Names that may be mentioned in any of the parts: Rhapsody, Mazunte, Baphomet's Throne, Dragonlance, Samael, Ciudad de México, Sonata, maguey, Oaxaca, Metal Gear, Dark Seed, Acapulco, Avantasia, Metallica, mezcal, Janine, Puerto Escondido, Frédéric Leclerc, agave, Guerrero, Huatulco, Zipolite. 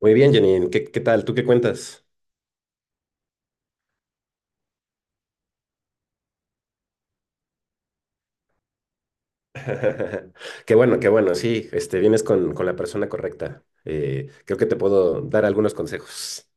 Muy bien, Janine. ¿Qué tal? ¿Tú qué cuentas? Qué bueno, qué bueno. Sí, vienes con la persona correcta. Creo que te puedo dar algunos consejos.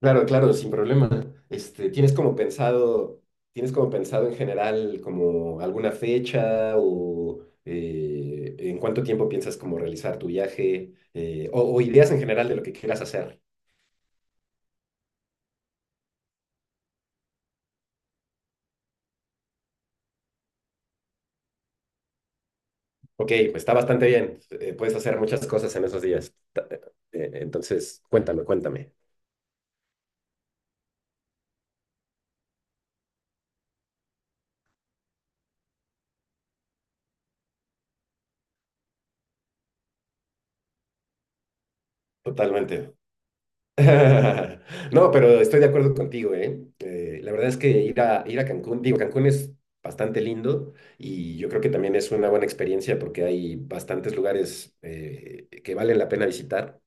Claro, claro, sin problema. ¿Tienes como pensado, en general como alguna fecha o en cuánto tiempo piensas como realizar tu viaje, o ideas en general de lo que quieras hacer? Ok, pues está bastante bien. Puedes hacer muchas cosas en esos días. Entonces, cuéntame, cuéntame. Totalmente. No, pero estoy de acuerdo contigo, ¿eh? La verdad es que ir a Cancún, digo, Cancún es bastante lindo y yo creo que también es una buena experiencia porque hay bastantes lugares que valen la pena visitar.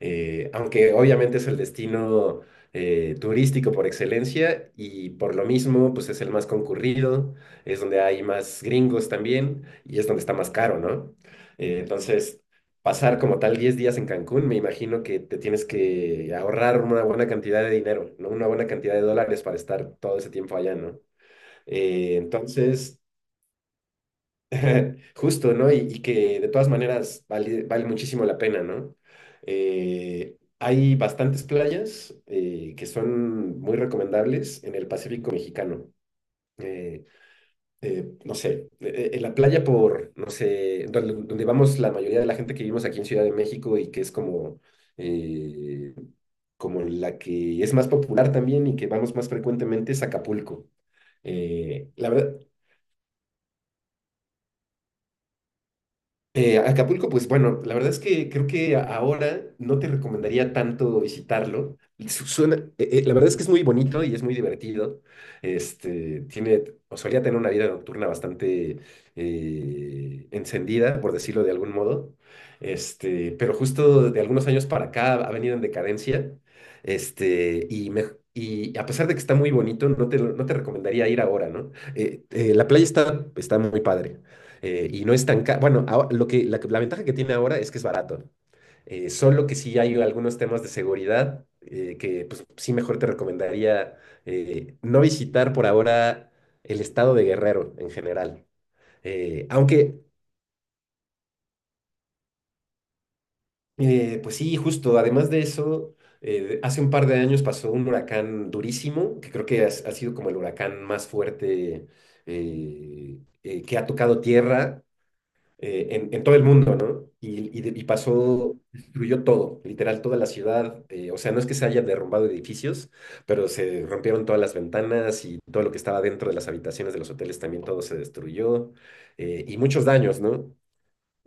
Aunque obviamente es el destino turístico por excelencia y por lo mismo, pues es el más concurrido, es donde hay más gringos también y es donde está más caro, ¿no? Entonces, pasar como tal 10 días en Cancún, me imagino que te tienes que ahorrar una buena cantidad de dinero, ¿no? Una buena cantidad de dólares para estar todo ese tiempo allá, ¿no? Entonces, justo, ¿no? Y que de todas maneras vale muchísimo la pena, ¿no? Hay bastantes playas que son muy recomendables en el Pacífico mexicano. Eh, no sé, en la playa por, no sé, donde vamos la mayoría de la gente que vivimos aquí en Ciudad de México y que es eh, como la que es más popular también y que vamos más frecuentemente es Acapulco. La verdad, Acapulco, pues bueno, la verdad es que creo que ahora no te recomendaría tanto visitarlo. Suena, la verdad es que es muy bonito y es muy divertido. Tiene, o solía tener una vida nocturna bastante encendida, por decirlo de algún modo. Pero justo de algunos años para acá ha venido en decadencia. Este, y me- Y a pesar de que está muy bonito, no te recomendaría ir ahora, ¿no? La playa está muy padre. Y no es tan caro. Bueno, la ventaja que tiene ahora es que es barato. Solo que sí hay algunos temas de seguridad que pues, sí mejor te recomendaría no visitar por ahora el estado de Guerrero en general. Aunque, pues sí, justo, además de eso, hace un par de años pasó un huracán durísimo, que creo que ha sido como el huracán más fuerte que ha tocado tierra en todo el mundo, ¿no? Y pasó, destruyó todo, literal, toda la ciudad. O sea, no es que se hayan derrumbado edificios, pero se rompieron todas las ventanas y todo lo que estaba dentro de las habitaciones de los hoteles también todo se destruyó. Y muchos daños, ¿no?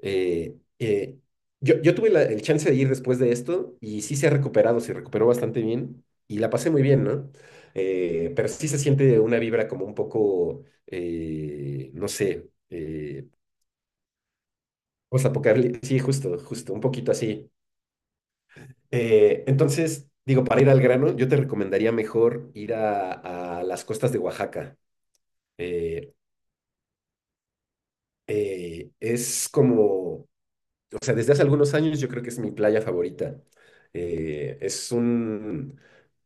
Eh, eh, yo tuve el chance de ir después de esto y sí se ha recuperado, se recuperó bastante bien y la pasé muy bien, ¿no? Pero sí se siente una vibra como un poco, no sé. Postapocalíptico, sí, justo, justo, un poquito así. Entonces, digo, para ir al grano, yo te recomendaría mejor ir a las costas de Oaxaca. Eh, es como, o sea, desde hace algunos años yo creo que es mi playa favorita. Eh, es un,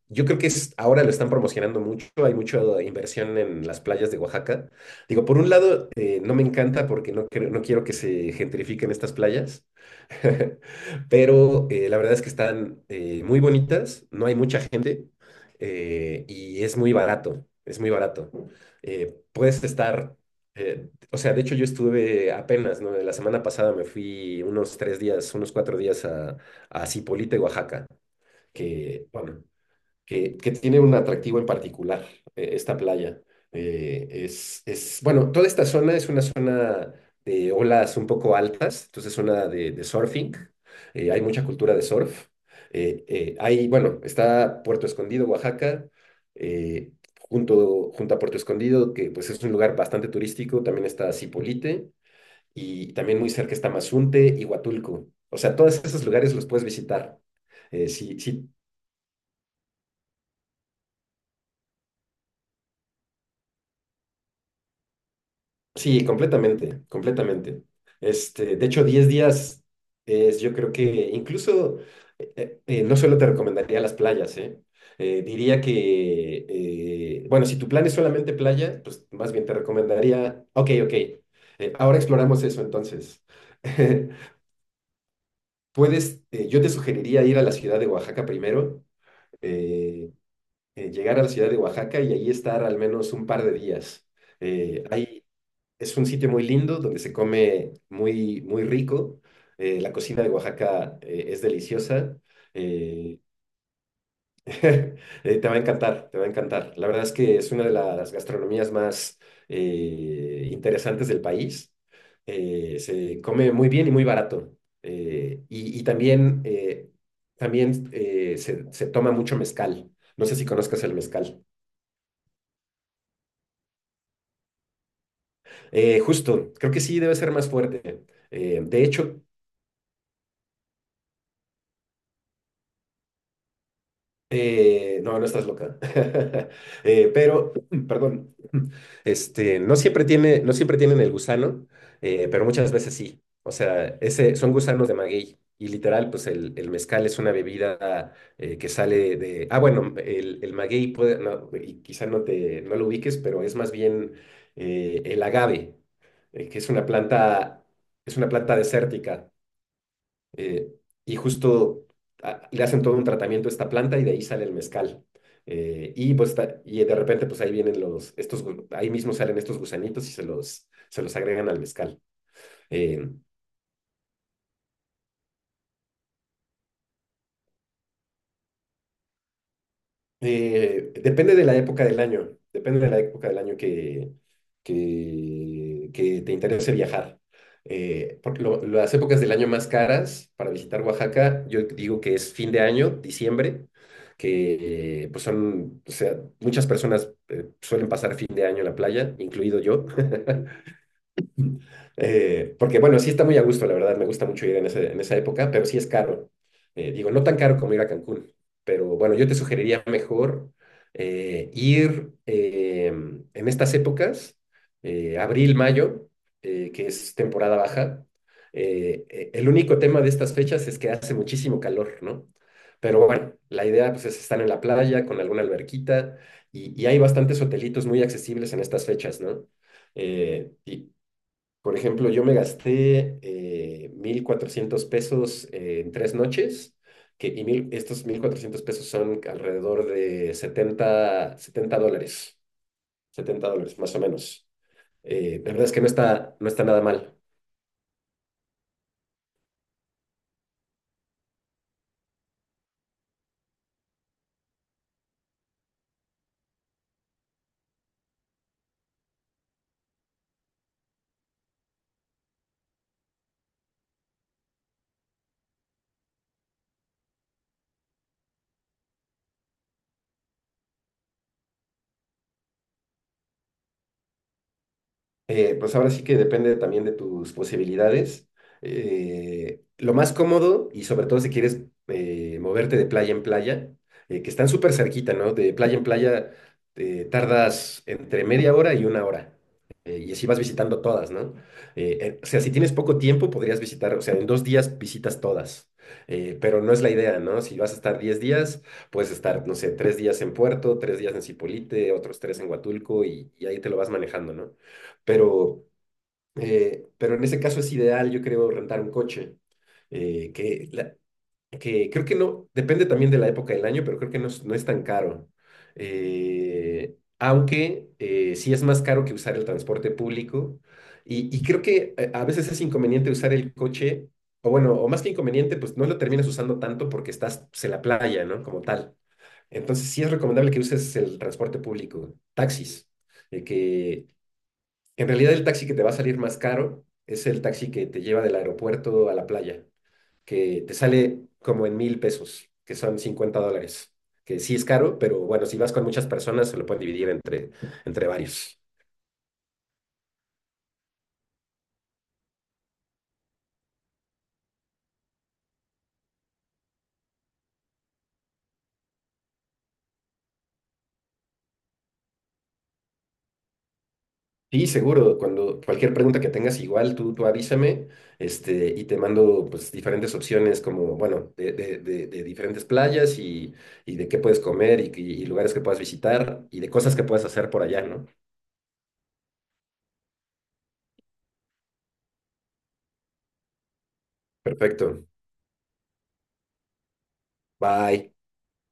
Yo creo que ahora lo están promocionando mucho, hay mucha inversión en las playas de Oaxaca. Digo, por un lado, no me encanta porque no quiero que se gentrifiquen estas playas, pero la verdad es que están muy bonitas, no hay mucha gente y es muy barato, es muy barato. Puedes estar, o sea, de hecho yo estuve apenas, ¿no? La semana pasada me fui unos 3 días, unos 4 días a Zipolite, Oaxaca, bueno, que tiene un atractivo en particular, esta playa. Bueno, toda esta zona es una zona de olas un poco altas, entonces zona de surfing. Hay mucha cultura de surf. Hay, bueno, está Puerto Escondido, Oaxaca, eh, junto a Puerto Escondido, que pues es un lugar bastante turístico, también está Zipolite y también muy cerca está Mazunte y Huatulco. O sea, todos esos lugares los puedes visitar. Si, si Sí, completamente, completamente. De hecho, 10 días, yo creo que incluso no solo te recomendaría las playas, ¿eh? Diría que, bueno, si tu plan es solamente playa, pues más bien te recomendaría, ok, ok, ahora exploramos eso entonces. Yo te sugeriría ir a la ciudad de Oaxaca primero, eh, llegar a la ciudad de Oaxaca y ahí estar al menos un par de días. Hay Es un sitio muy lindo donde se come muy, muy rico. La cocina de Oaxaca es deliciosa. Eh, eh, Te va a encantar, te va a encantar. La verdad es que es una de las gastronomías más interesantes del país. Se come muy bien y muy barato. Y también, también se toma mucho mezcal. No sé si conozcas el mezcal. Justo, creo que sí debe ser más fuerte. De hecho, no, no estás loca. Pero, perdón, no siempre tienen el gusano, pero muchas veces sí. O sea, son gusanos de maguey. Y literal, pues el mezcal es una bebida que sale de... Ah, bueno, el maguey puede, no, y quizá no lo ubiques, pero es más bien el agave, que es una planta desértica eh, y justo le hacen todo un tratamiento a esta planta y de ahí sale el mezcal. Y, pues, y de repente, pues ahí vienen ahí mismo salen estos gusanitos y se los agregan al mezcal. eh, Depende de la época del año, depende de la época del año que te interese viajar. Porque las épocas del año más caras para visitar Oaxaca, yo digo que es fin de año, diciembre, que pues son, o sea, muchas personas suelen pasar fin de año en la playa, incluido yo. Porque bueno, sí está muy a gusto, la verdad, me gusta mucho ir en esa época, pero sí es caro. Digo, no tan caro como ir a Cancún, pero bueno, yo te sugeriría mejor ir en estas épocas, abril, mayo, que es temporada baja. El único tema de estas fechas es que hace muchísimo calor, ¿no? Pero bueno, la idea pues, es estar en la playa con alguna alberquita y hay bastantes hotelitos muy accesibles en estas fechas, ¿no? Y, por ejemplo, yo me gasté 1,400 pesos en 3 noches, estos 1,400 pesos son alrededor de setenta dólares, $70 más o menos. La verdad es que no está nada mal. Pues ahora sí que depende también de tus posibilidades. Lo más cómodo, y sobre todo si quieres moverte de playa en playa, que están súper cerquita, ¿no? De playa en playa, tardas entre media hora y una hora. Y así vas visitando todas, ¿no? O sea, si tienes poco tiempo, podrías visitar, o sea, en 2 días visitas todas. Pero no es la idea, ¿no? Si vas a estar 10 días, puedes estar, no sé, 3 días en Puerto, 3 días en Cipolite, otros tres en Huatulco y ahí te lo vas manejando, ¿no? Pero, pero en ese caso es ideal, yo creo, rentar un coche, eh, que, la- que creo que no, depende también de la época del año, pero creo que no es tan caro. Aunque sí es más caro que usar el transporte público y creo que a veces es inconveniente usar el coche, o bueno, o más que inconveniente, pues no lo terminas usando tanto porque estás pues, en la playa, ¿no? Como tal. Entonces sí es recomendable que uses el transporte público, taxis, que en realidad el taxi que te va a salir más caro es el taxi que te lleva del aeropuerto a la playa, que te sale como en 1,000 pesos, que son $50, que sí es caro, pero bueno, si vas con muchas personas se lo pueden dividir entre, varios. Sí, seguro, cuando cualquier pregunta que tengas igual, tú avísame, y te mando pues diferentes opciones como, bueno, de diferentes playas y de qué puedes comer y lugares que puedas visitar y de cosas que puedas hacer por allá, ¿no? Perfecto. Bye.